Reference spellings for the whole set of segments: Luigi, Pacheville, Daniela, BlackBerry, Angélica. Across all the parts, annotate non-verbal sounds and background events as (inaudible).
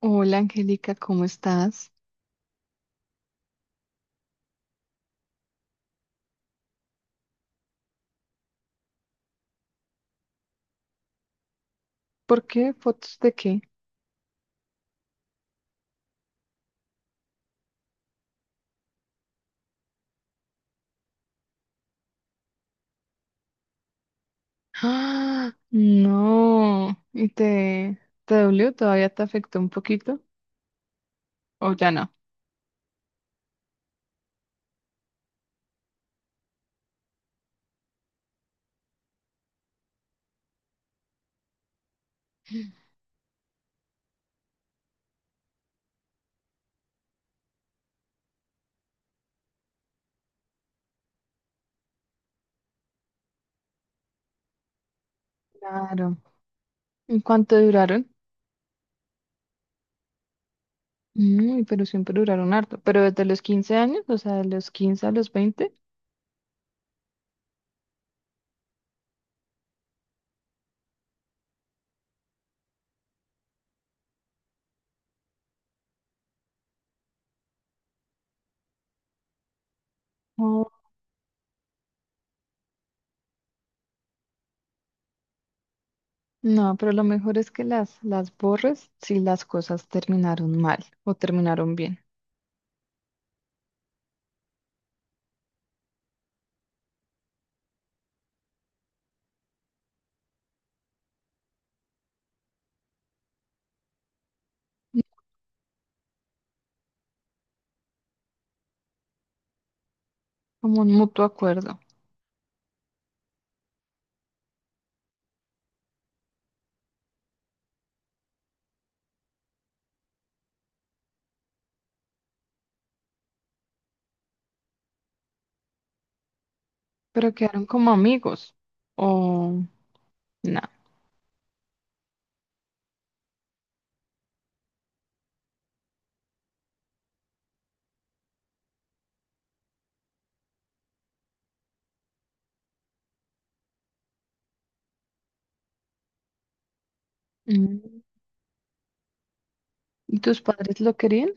Hola Angélica, ¿cómo estás? ¿Por qué? ¿Fotos de qué? ¡Ah! No. ¿Y te dolió? ¿Todavía te afectó un poquito? ¿O ya no? Claro. ¿En cuánto duraron? Mm, pero siempre duraron harto. ¿Pero desde los 15 años? O sea, de los 15 a los 20. Oh. No, pero lo mejor es que las borres si las cosas terminaron mal o terminaron bien. Como un mutuo acuerdo. Pero quedaron como amigos. O no. ¿Y tus padres lo querían?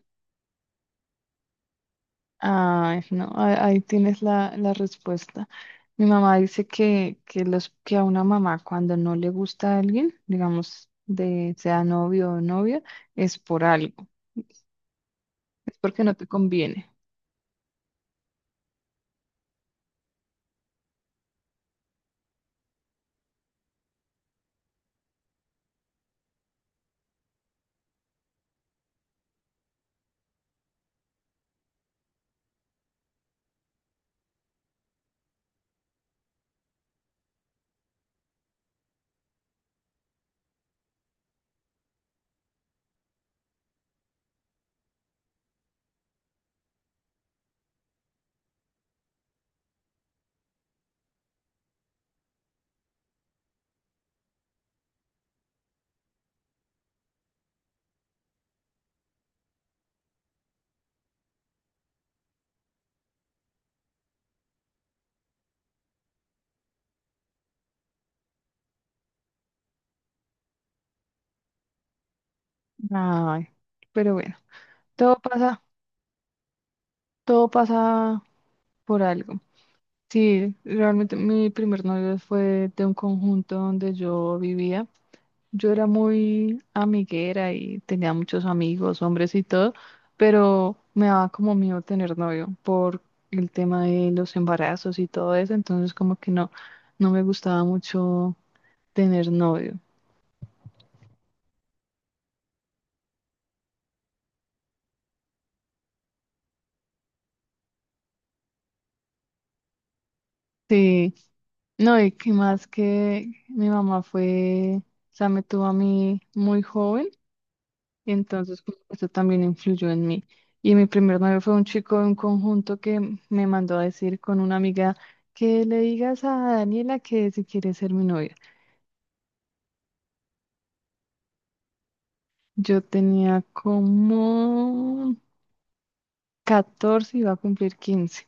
Ay, no, ahí tienes la respuesta. Mi mamá dice que a una mamá cuando no le gusta a alguien, digamos, de, sea novio o novia, es por algo, es porque no te conviene. Ay, pero bueno, todo pasa, todo pasa por algo. Sí, realmente mi primer novio fue de un conjunto donde yo vivía. Yo era muy amiguera y tenía muchos amigos, hombres y todo, pero me daba como miedo tener novio por el tema de los embarazos y todo eso, entonces como que no, no me gustaba mucho tener novio. Sí, no, y que más que mi mamá fue, o sea, me tuvo a mí muy joven. Entonces, pues, eso también influyó en mí. Y mi primer novio fue un chico de un conjunto que me mandó a decir con una amiga que le digas a Daniela que si quiere ser mi novia. Yo tenía como 14 y iba a cumplir 15.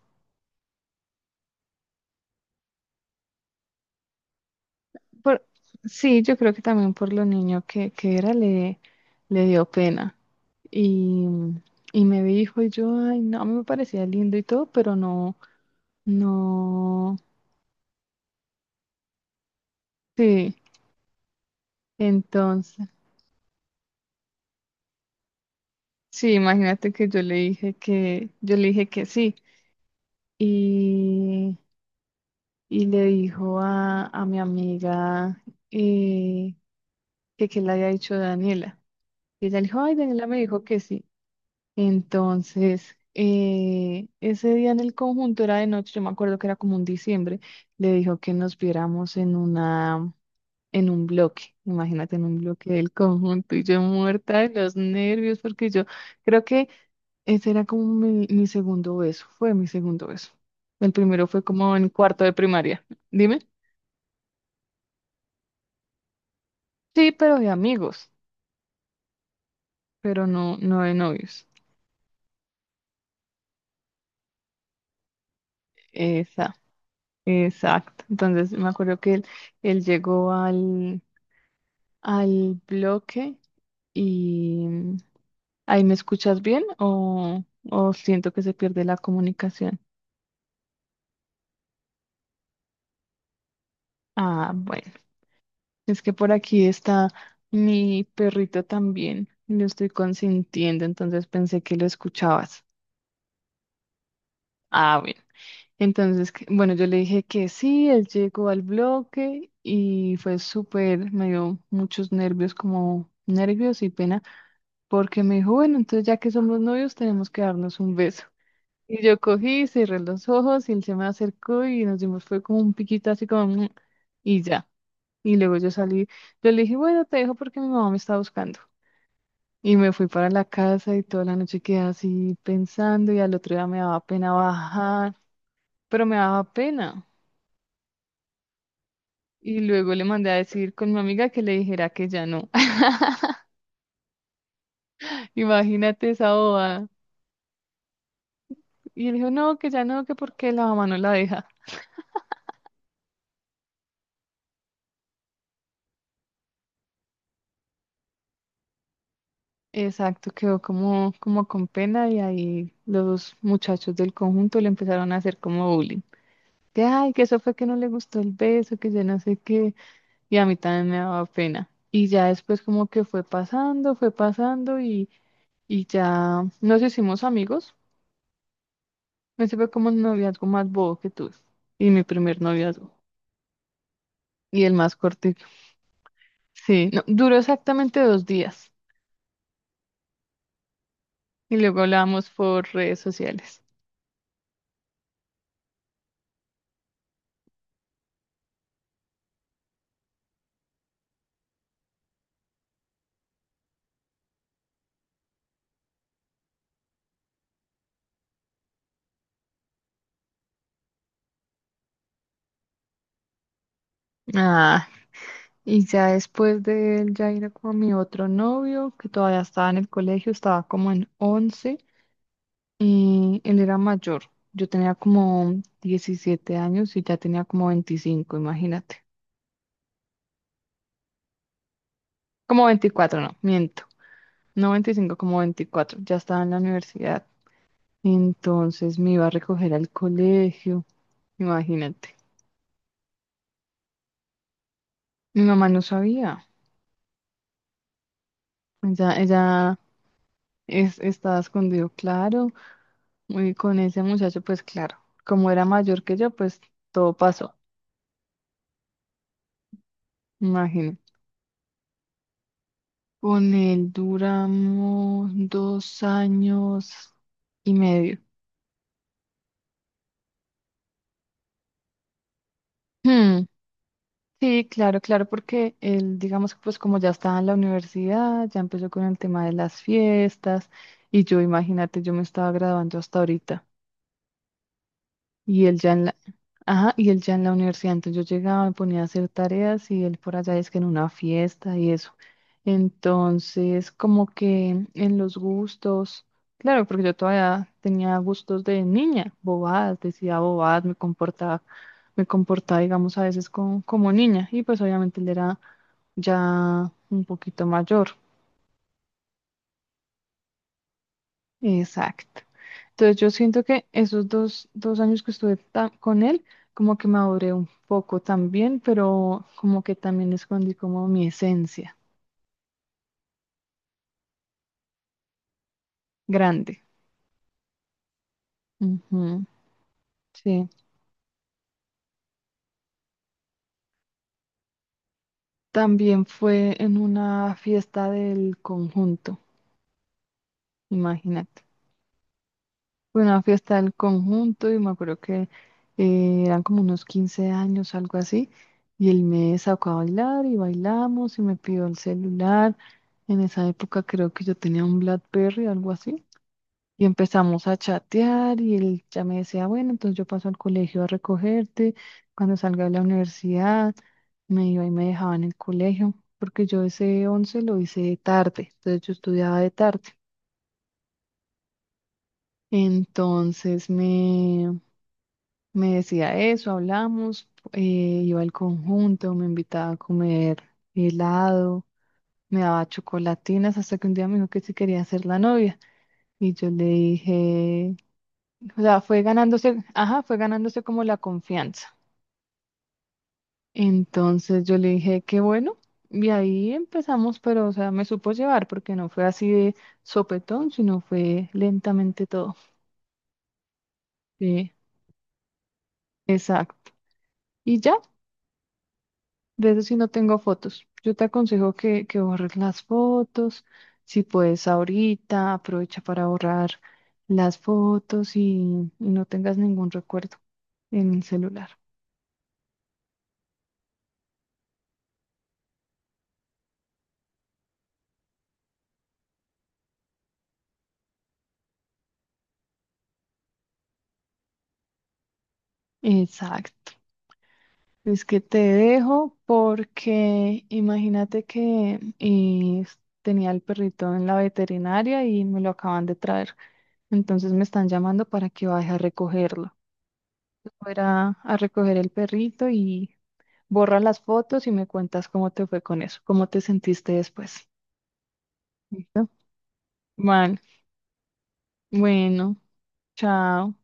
Por, sí, yo creo que también por lo niño que era le dio pena. Y, y me dijo, y yo, ay, no, a mí me parecía lindo y todo, pero no, no, sí. Entonces... Sí, imagínate que yo le dije que, yo le dije que sí. Y, y le dijo a mi amiga eh, que le había dicho Daniela. Y ella le dijo, ay, Daniela me dijo que sí. Entonces, ese día en el conjunto era de noche, yo me acuerdo que era como un diciembre, le dijo que nos viéramos en una, en un bloque. Imagínate, en un bloque del conjunto y yo muerta de los nervios porque yo creo que ese era como mi segundo beso, fue mi segundo beso. El primero fue como en cuarto de primaria. Dime. Sí, pero de amigos, pero no, no de novios. Esa, exacto. Entonces me acuerdo que él llegó al bloque y ahí me escuchas bien o siento que se pierde la comunicación. Ah, bueno, es que por aquí está mi perrito también. Lo estoy consintiendo, entonces pensé que lo escuchabas. Ah, bien. Entonces, bueno, yo le dije que sí, él llegó al bloque y fue súper, me dio muchos nervios, como nervios y pena, porque me dijo, bueno, entonces ya que somos novios tenemos que darnos un beso. Y yo cogí, cerré los ojos y él se me acercó y nos dimos, fue como un piquito así como, "Mm", y ya. Y luego yo salí, yo le dije, bueno, te dejo porque mi mamá me está buscando. Y me fui para la casa y toda la noche quedé así pensando y al otro día me daba pena bajar, pero me daba pena. Y luego le mandé a decir con mi amiga que le dijera que ya no. (laughs) Imagínate esa bobada. Y él dijo, no, que ya no, que porque la mamá no la deja. Exacto, quedó como, como con pena y ahí los muchachos del conjunto le empezaron a hacer como bullying. Que ay, que eso fue que no le gustó el beso, que ya no sé qué. Y a mí también me daba pena. Y ya después como que fue pasando y ya nos hicimos amigos. Ese fue como el noviazgo más bobo que tuve. Y mi primer noviazgo. Y el más corto. Sí, no, duró exactamente 2 días y luego hablamos por redes sociales. Ah, y ya después de él ya era como mi otro novio, que todavía estaba en el colegio, estaba como en 11 y él era mayor. Yo tenía como 17 años y ya tenía como 25, imagínate. Como 24, no, miento. No 25, como 24. Ya estaba en la universidad. Entonces me iba a recoger al colegio, imagínate. Mi mamá no sabía. Ella es, estaba escondido, claro. Y con ese muchacho, pues claro, como era mayor que yo, pues todo pasó, imagino. Con él duramos 2 años y medio. Hmm, sí, claro, claro, porque él, digamos que pues como ya estaba en la universidad, ya empezó con el tema de las fiestas y yo, imagínate, yo me estaba graduando hasta ahorita. Y él ya en la, ajá, y él ya en la universidad. Entonces yo llegaba, me ponía a hacer tareas y él por allá es que en una fiesta y eso. Entonces, como que en los gustos, claro, porque yo todavía tenía gustos de niña, bobadas, decía bobadas, me comportaba, digamos, a veces como niña. Y pues obviamente él era ya un poquito mayor. Exacto. Entonces yo siento que esos dos años que estuve con él, como que maduré un poco también, pero como que también escondí como mi esencia grande. Ujú, sí. También fue en una fiesta del conjunto, imagínate. Fue una fiesta del conjunto y me acuerdo que eran como unos 15 años, algo así, y él me sacó a bailar y bailamos y me pidió el celular. En esa época creo que yo tenía un BlackBerry, algo así. Y empezamos a chatear y él ya me decía, bueno, entonces yo paso al colegio a recogerte, cuando salga de la universidad, me iba y me dejaba en el colegio, porque yo ese 11 lo hice de tarde, entonces yo estudiaba de tarde. Entonces me decía eso, hablamos, iba al conjunto, me invitaba a comer helado, me daba chocolatinas, hasta que un día me dijo que si quería ser la novia. Y yo le dije, o sea, fue ganándose, ajá, fue ganándose como la confianza. Entonces yo le dije, que bueno. Y ahí empezamos, pero, o sea, me supo llevar porque no fue así de sopetón, sino fue lentamente todo. Sí, exacto. Y ya, de eso sí no tengo fotos. Yo te aconsejo que borres las fotos. Si puedes ahorita, aprovecha para borrar las fotos y no tengas ningún recuerdo en el celular. Exacto. Es que te dejo porque imagínate que tenía el perrito en la veterinaria y me lo acaban de traer. Entonces me están llamando para que vaya a recogerlo. Voy a ir a recoger el perrito y borra las fotos y me cuentas cómo te fue con eso, cómo te sentiste después. ¿Listo? Vale, bueno, chao.